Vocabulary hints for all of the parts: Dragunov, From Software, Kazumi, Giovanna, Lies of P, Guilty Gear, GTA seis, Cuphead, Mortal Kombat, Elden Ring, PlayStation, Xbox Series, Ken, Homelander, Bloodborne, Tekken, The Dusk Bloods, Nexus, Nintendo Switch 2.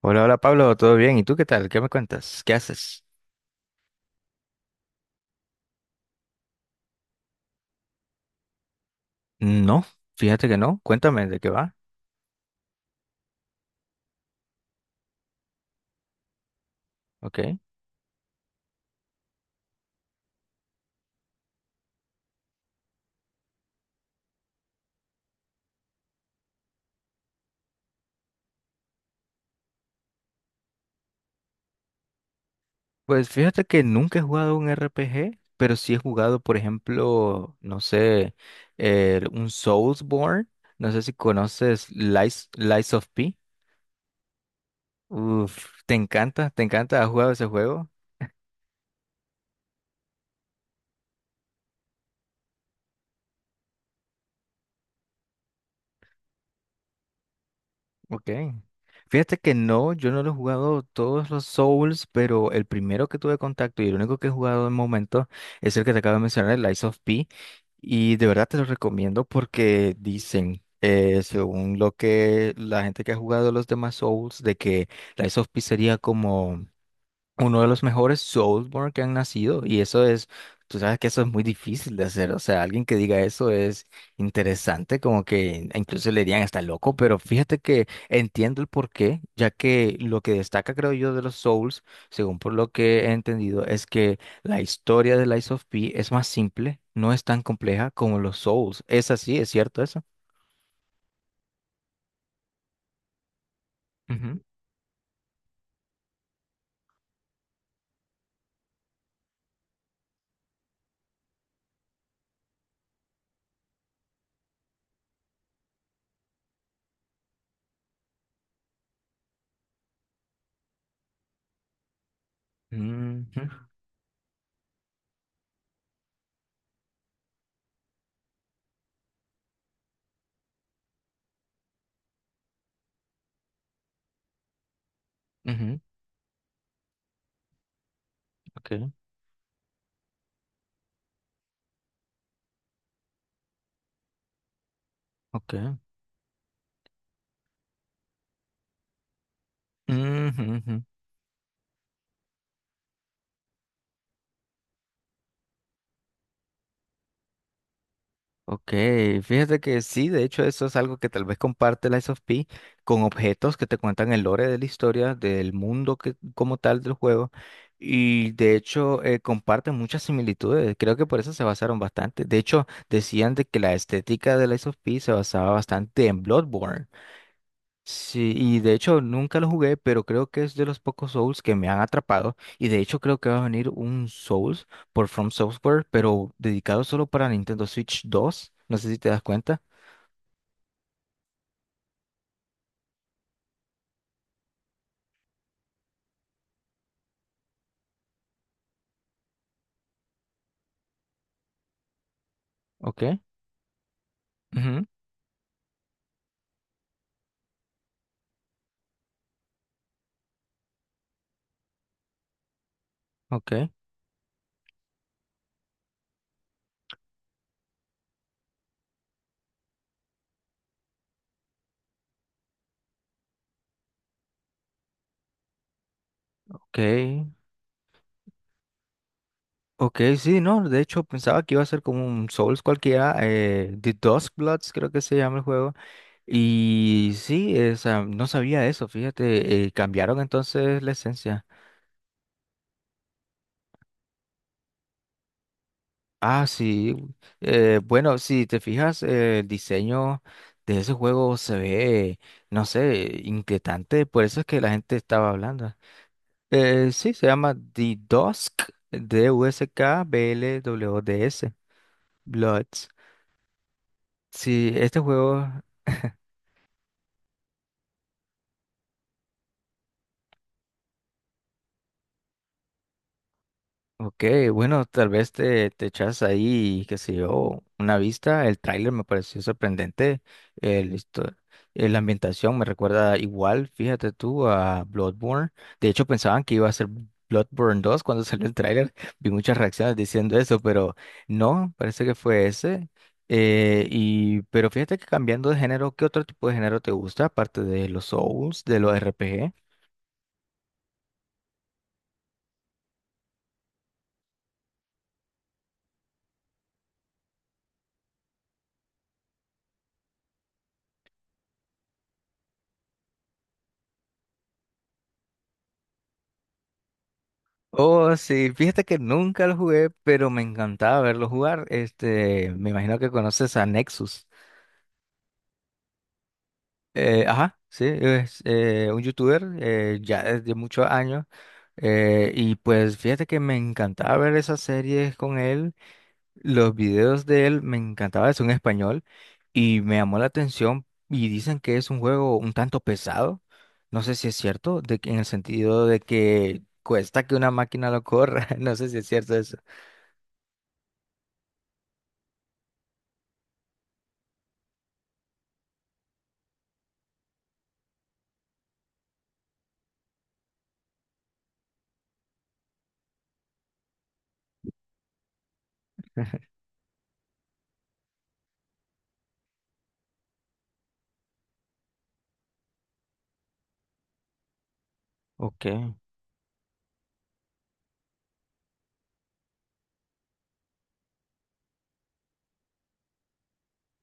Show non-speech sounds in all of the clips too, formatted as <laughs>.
Hola, hola Pablo, ¿todo bien? ¿Y tú qué tal? ¿Qué me cuentas? ¿Qué haces? No, fíjate que no. Cuéntame de qué va. Ok. Pues fíjate que nunca he jugado un RPG, pero sí he jugado, por ejemplo, no sé, un Soulsborne. No sé si conoces Lies of P. Uf, ¿te encanta? ¿Te encanta? ¿Has jugado ese juego? Ok. Fíjate que no, yo no lo he jugado todos los Souls, pero el primero que tuve contacto y el único que he jugado de momento es el que te acabo de mencionar, el Lies of P. Y de verdad te lo recomiendo porque dicen, según lo que la gente que ha jugado los demás Souls, de que Lies of P sería como uno de los mejores Soulsborne que han nacido y eso es, tú sabes que eso es muy difícil de hacer, o sea, alguien que diga eso es interesante, como que incluso le dirían está loco, pero fíjate que entiendo el porqué, ya que lo que destaca creo yo de los Souls, según por lo que he entendido, es que la historia de Lies of P es más simple, no es tan compleja como los Souls, es así, es cierto eso. Ujú, ujú, ujú, ok, ok, ujú, ujú. Ok, fíjate que sí, de hecho eso es algo que tal vez comparte la of P con objetos que te cuentan el lore de la historia, del mundo que, como tal del juego, y de hecho comparten muchas similitudes, creo que por eso se basaron bastante, de hecho decían de que la estética de la of P se basaba bastante en Bloodborne. Sí, y de hecho nunca lo jugué, pero creo que es de los pocos Souls que me han atrapado. Y de hecho creo que va a venir un Souls por From Software, pero dedicado solo para Nintendo Switch 2. No sé si te das cuenta. Ok. Ujú. Ok. Ok. Ok, sí, no. De hecho pensaba que iba a ser como un Souls cualquiera. The Bloods creo que se llama el juego. Y sí, o sea, no sabía eso. Fíjate, cambiaron entonces la esencia. Ah, sí. Bueno, si te fijas, el diseño de ese juego se ve, no sé, inquietante. Por eso es que la gente estaba hablando. Sí, se llama The Dusk, DUSKBLWDS, Bloods. Sí, este juego. Ok, bueno, tal vez te echas ahí, qué sé yo, una vista. El tráiler me pareció sorprendente. El, histo- la ambientación me recuerda igual, fíjate tú, a Bloodborne. De hecho, pensaban que iba a ser Bloodborne 2 cuando <laughs> salió el tráiler. Vi muchas reacciones diciendo eso, pero no, parece que fue ese. Pero fíjate que cambiando de género, ¿qué otro tipo de género te gusta, aparte de los Souls, de los RPG? Oh, sí, fíjate que nunca lo jugué, pero me encantaba verlo jugar. Este, me imagino que conoces a Nexus. Ajá, sí, es un youtuber ya desde muchos años. Y pues fíjate que me encantaba ver esas series con él. Los videos de él me encantaba, es un español. Y me llamó la atención. Y dicen que es un juego un tanto pesado. No sé si es cierto, de que, en el sentido de que cuesta que una máquina lo corra. <laughs> No sé si es cierto eso. Ok.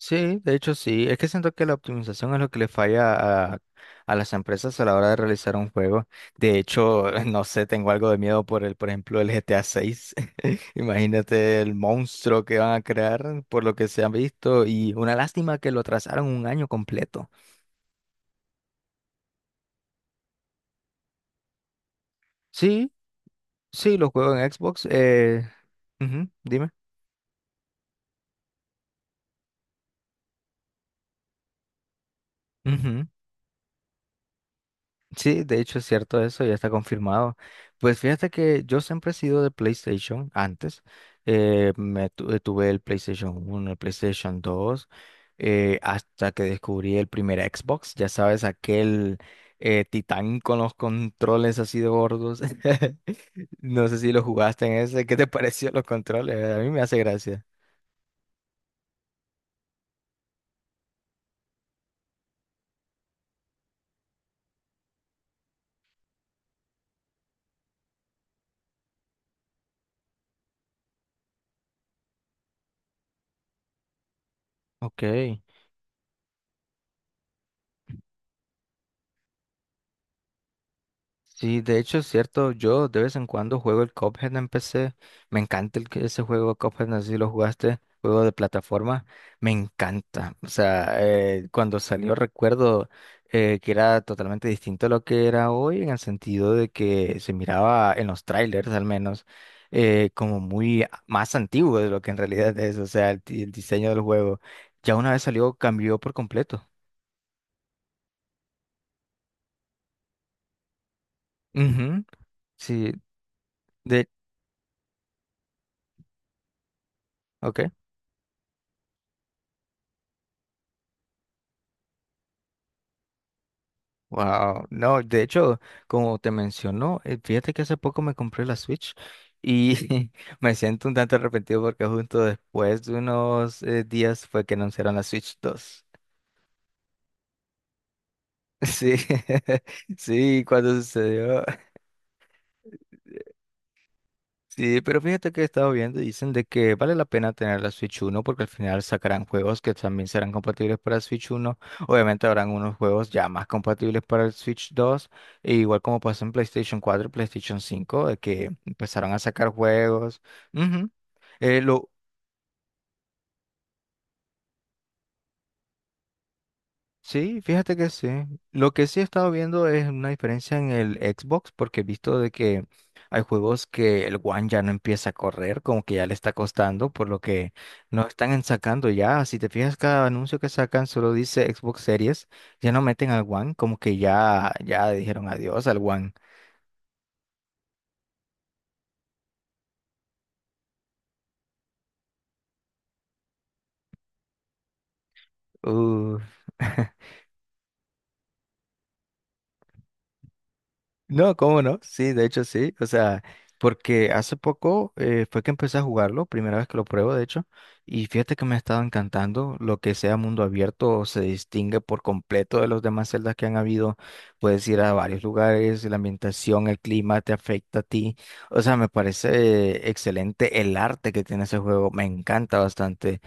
Sí, de hecho sí. Es que siento que la optimización es lo que le falla a, las empresas a la hora de realizar un juego. De hecho, <laughs> no sé, tengo algo de miedo por por ejemplo, el GTA 6. <laughs> Imagínate el monstruo que van a crear por lo que se han visto y una lástima que lo atrasaron un año completo. Sí, sí, lo juego en Xbox. Ujú, dime. Ujú. Sí, de hecho es cierto eso, ya está confirmado. Pues fíjate que yo siempre he sido de PlayStation antes. Tuve el PlayStation 1, el PlayStation 2, hasta que descubrí el primer Xbox. Ya sabes, aquel titán con los controles así de gordos. <laughs> No sé si lo jugaste en ese. ¿Qué te <laughs> pareció los controles? A mí me hace gracia. Ok. Sí, de hecho es cierto, yo de vez en cuando juego el Cuphead en PC, me encanta ese juego Cuphead, no sé si lo jugaste, juego de plataforma, me encanta, o sea, cuando salió recuerdo que era totalmente distinto a lo que era hoy en el sentido de que se miraba en los trailers al menos más antiguo de lo que en realidad es, o sea, el diseño del juego ya una vez salió cambió por completo. Ujú, sí, de, ok. Wow, no, de hecho, como te mencionó, fíjate que hace poco me compré la Switch y <laughs> me siento un tanto arrepentido porque justo después de unos días fue que anunciaron la Switch 2. <laughs> Sí, <laughs> sí, cuando sucedió. Sí, pero fíjate que he estado viendo y dicen de que vale la pena tener la Switch 1 porque al final sacarán juegos que también serán compatibles para el Switch 1. Obviamente habrán unos juegos ya más compatibles para el Switch 2 e igual como pasó en PlayStation 4 y PlayStation 5 de que empezaron a sacar juegos. Ujú. Lo Sí, fíjate que sí. Lo que sí he estado viendo es una diferencia en el Xbox, porque he visto de que hay juegos que el One ya no empieza a correr, como que ya le está costando, por lo que no están en sacando ya. Si te fijas, cada anuncio que sacan solo dice Xbox Series, ya no meten al One, como que ya, dijeron adiós al One. Uf. <laughs> No, ¿cómo no? Sí, de hecho sí. O sea, porque hace poco fue que empecé a jugarlo, primera vez que lo pruebo, de hecho, y fíjate que me ha estado encantando. Lo que sea mundo abierto se distingue por completo de los demás celdas que han habido. Puedes ir a varios lugares, la ambientación, el clima te afecta a ti. O sea, me parece excelente el arte que tiene ese juego, me encanta bastante.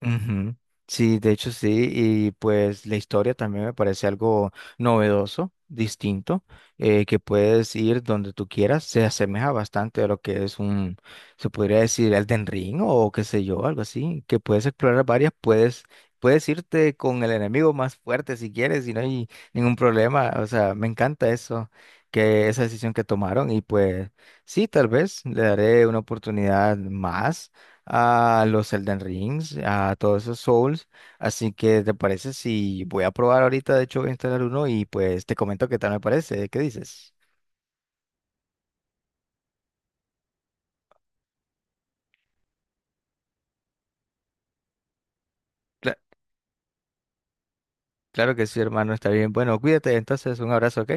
Ujú. Sí, de hecho sí, y pues la historia también me parece algo novedoso, distinto, que puedes ir donde tú quieras, se asemeja bastante a lo que es un, se podría decir Elden Ring o qué sé yo, algo así, que puedes explorar varias, puedes irte con el enemigo más fuerte si quieres y no hay ningún problema, o sea, me encanta eso, que esa decisión que tomaron y pues sí, tal vez le daré una oportunidad más a los Elden Rings, a todos esos Souls. Así que, ¿te parece si voy a probar ahorita? De hecho, voy a instalar uno y pues te comento qué tal me parece. ¿Qué dices? Cla- claro que sí, hermano, está bien. Bueno, cuídate entonces, un abrazo, ¿ok?